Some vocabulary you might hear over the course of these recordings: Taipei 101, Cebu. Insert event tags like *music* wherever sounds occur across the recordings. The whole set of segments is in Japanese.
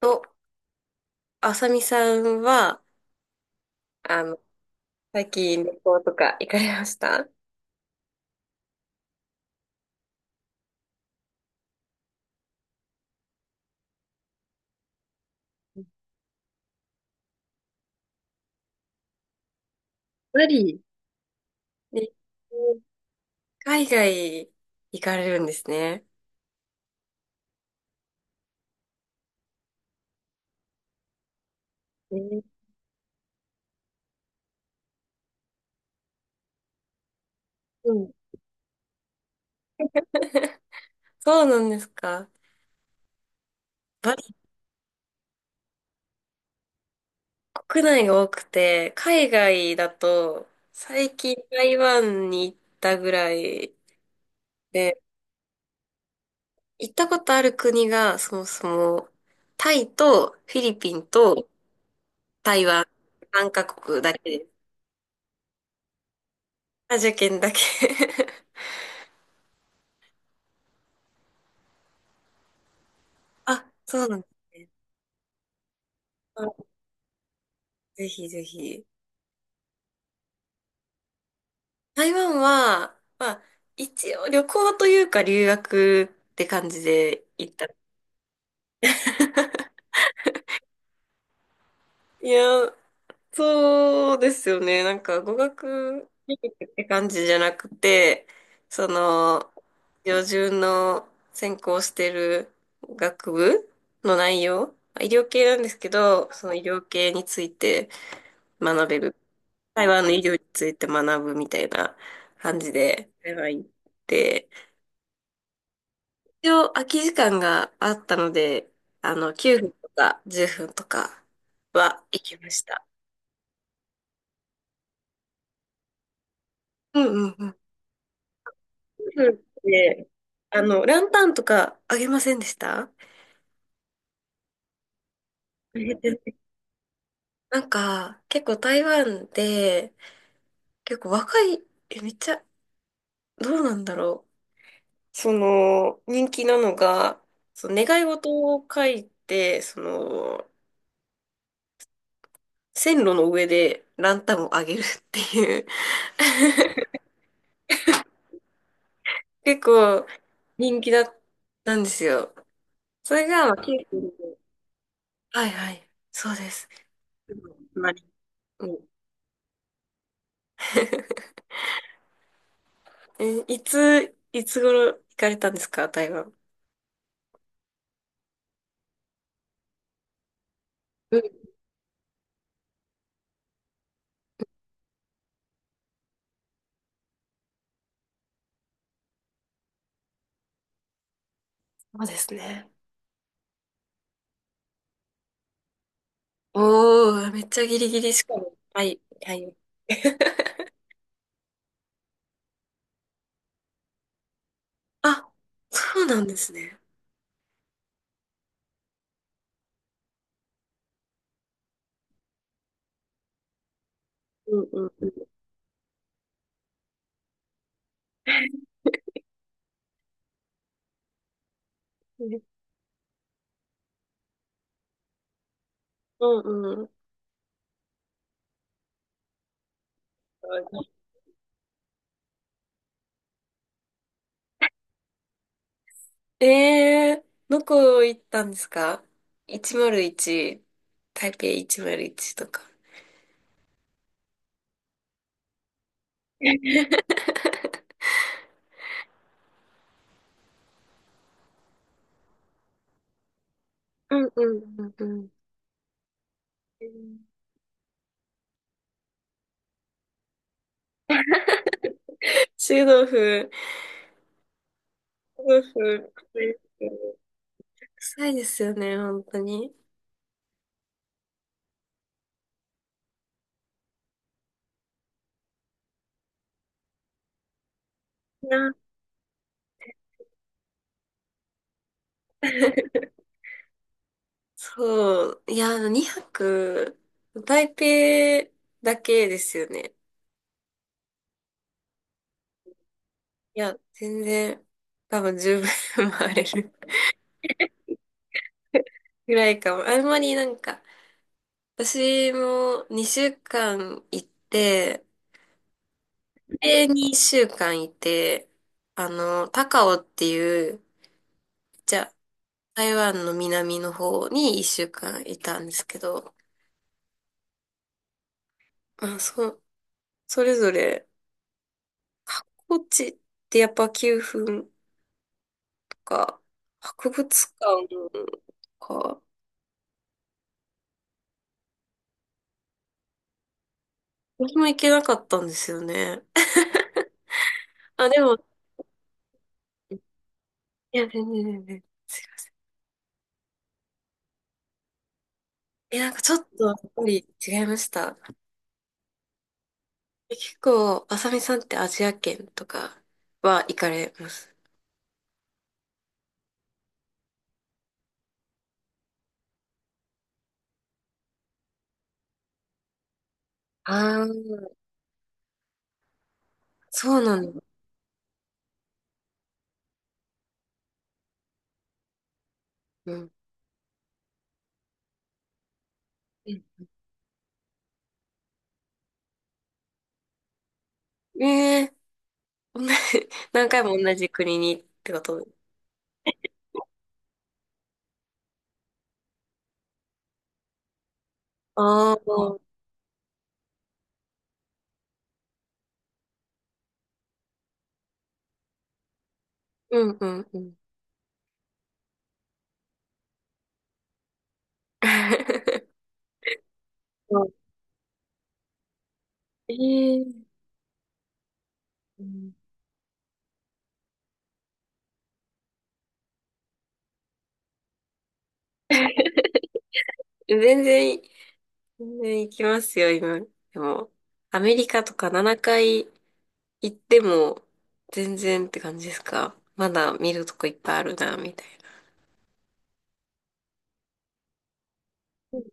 と、あさみさんは、あの、最近旅行とか行かれました？バリで海外行かれるんですね。えー、うん。*laughs* そうなんですか。バリ国内が多くて、海外だと、最近台湾に行ったぐらいで、行ったことある国が、そもそも、タイとフィリピンと台湾、3カ国だけです。アジア圏だけ。あ、そうなんですね。あ、ぜひぜひ。台湾は、まあ、一応旅行というか留学って感じで行った。*laughs* いや、そうですよね。なんか語学って感じじゃなくて、その、標準の専攻してる学部の内容、まあ医療系なんですけど、その医療系について学べる。台湾の医療について学ぶみたいな感じで、台湾行って、一応空き時間があったので、9分とか10分とかは行きました。うんうんうん。9分ってランタンとかあげませんでした？あげてない。なんか、結構台湾で、結構若い、え、めっちゃ、どうなんだろう。その、人気なのが、その願い事を書いて、その、線路の上でランタンをあげるっていう *laughs* 結構人気だったんですよ。それが、まあ、はいはい。そうです。うん *laughs* え、いつ頃行かれたんですか、台湾？うん、そうですね。おー、めっちゃギリギリしかも。はい、はい。*laughs* あ、そうなんですね。うんうんうん。うんうん。ええー、どこ行ったんですか？ 101、台北101とか？うんうんうんうん。うん。臭豆腐、臭豆腐、臭いですよね？本当に。いや *laughs*、そう。いや、2泊、台北だけですよね。いや、全然、多分十分 *laughs* 回れる *laughs* ぐらいかも。あんまりなんか、私も2週間行って、で、2週間いて、高雄っていう、じゃあ、台湾の南の方に1週間いたんですけど、まあ、それぞれ、箱地ってやっぱ9分とか、博物館とか、私も行けなかったんですよね。*laughs* あ、でも、いや、全然全然。え、なんかちょっとやっぱり違いました。結構、あさみさんってアジア圏とかは行かれます？あー、そうなんだ。うん。うん。えー同じ *laughs*、何回も同じ国にってこと？ああー、うんうんうん。*laughs* そう。ええー、うん。 *laughs* 全然、全然行きますよ、今。でも、アメリカとか7回行っても、全然って感じですか？まだ見るとこいっぱいあるな、みたいな。う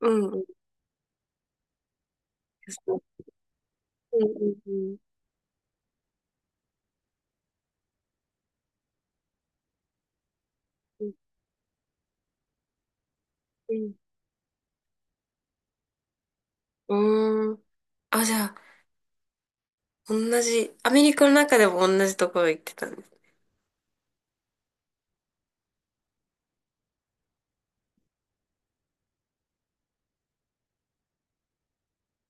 んうん。うんうんうん。うん。うん。うーん。あ、じゃあ、同じ、アメリカの中でも同じところ行ってたんです？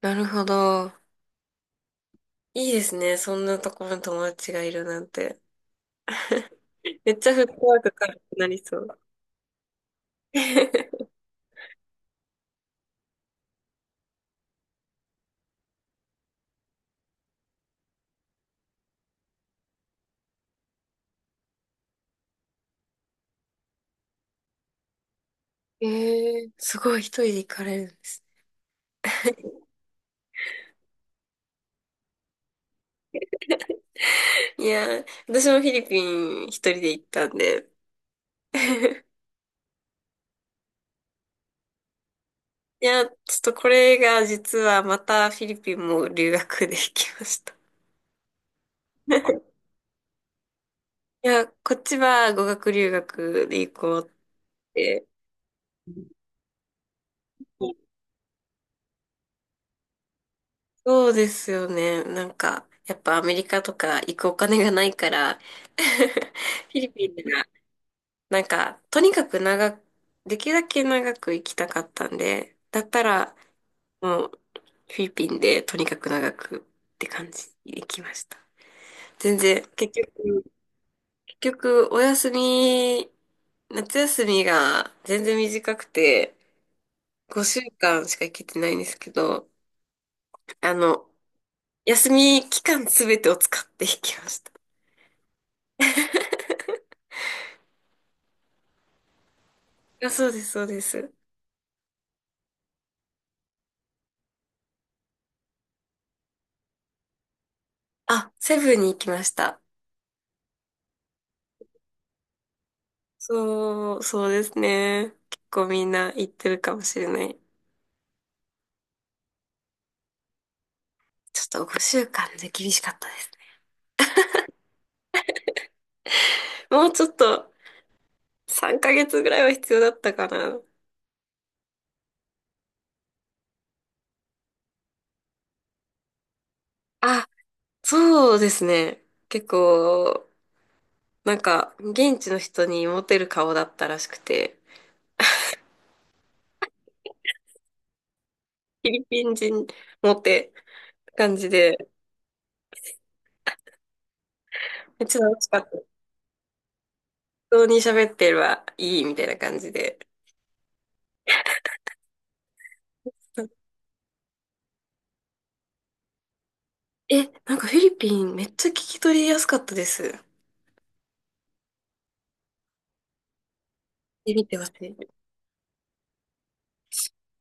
なるほど。いいですね。そんなところに友達がいるなんて。めっちゃフットワーク軽くなりそう。*laughs* えー、すごい、一人で行かれるんです？いやー、私もフィリピン一人で行ったんで。*laughs* いや、ちょっとこれが実はまたフィリピンも留学で行きました。*laughs* いや、こっちは語学留学で行こうって。そうですよね。なんか、やっぱアメリカとか行くお金がないから *laughs* フィリピンが、なんか、とにかく長く、できるだけ長く行きたかったんで、だったら、もう、フィリピンでとにかく長くって感じで行きました。全然、結局、お休み、夏休みが全然短くて、5週間しか行けてないんですけど、あの、休み期間すべてを使って行きました。あ、そうです、そうです。あ、セブンに行きました。そう、そうですね。結構みんな行ってるかもしれない。ちょっと5週間で厳しかったですね。もうちょっと3ヶ月ぐらいは必要だったかな。あ、そうですね。結構、なんか、現地の人にモテる顔だったらしくて、フィリピン人モテ感じで、めっちゃ楽しかった。人に喋ってればいいみたいな感じで。え、なんかフィリピンめっちゃ聞き取りやすかったです。見てみてほしい。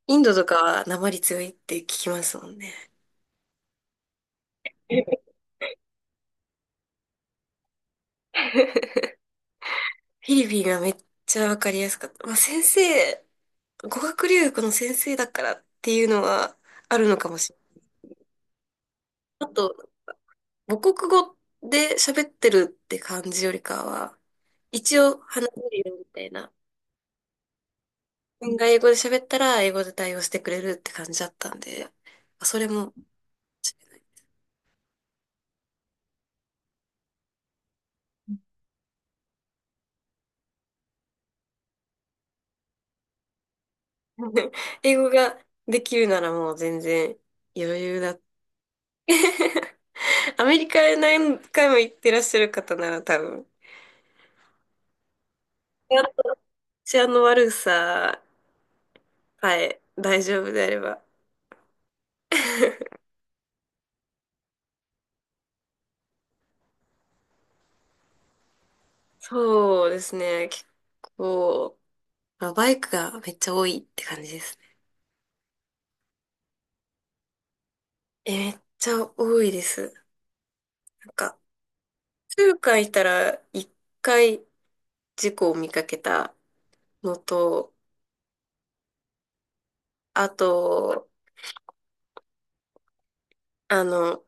インドとかなまり強いって聞きますもんね。*laughs* フィリピンがめっちゃわかりやすかった。まあ、先生、語学留学の先生だからっていうのはあるのかもしれない。あと、母国語で喋ってるって感じよりかは、一応話せるよみたいな。自分が英語で喋ったら英語で対応してくれるって感じだったんで、それも、*laughs* 英語ができるならもう全然余裕だ。*laughs* アメリカへ何回も行ってらっしゃる方なら多分、私あの悪ささえ大丈夫であれば。*laughs* そうですね、結構、まあバイクがめっちゃ多いって感じですね。え、めっちゃ多いです。なんか、数回いたら1回事故を見かけたのと、あと、あの、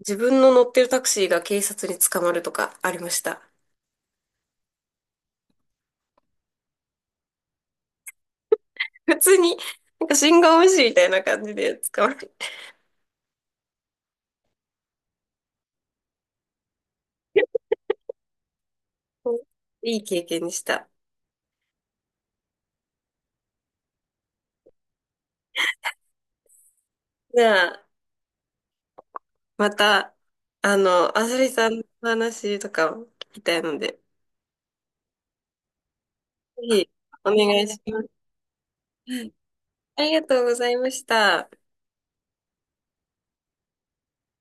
自分の乗ってるタクシーが警察に捕まるとかありました。普通に、なんか信号無視みたいな感じで捕まる。いい経験でした。じゃあ、また、あさりさんの話とかを聞きたいので、ぜひお願いします。ありがとうございました。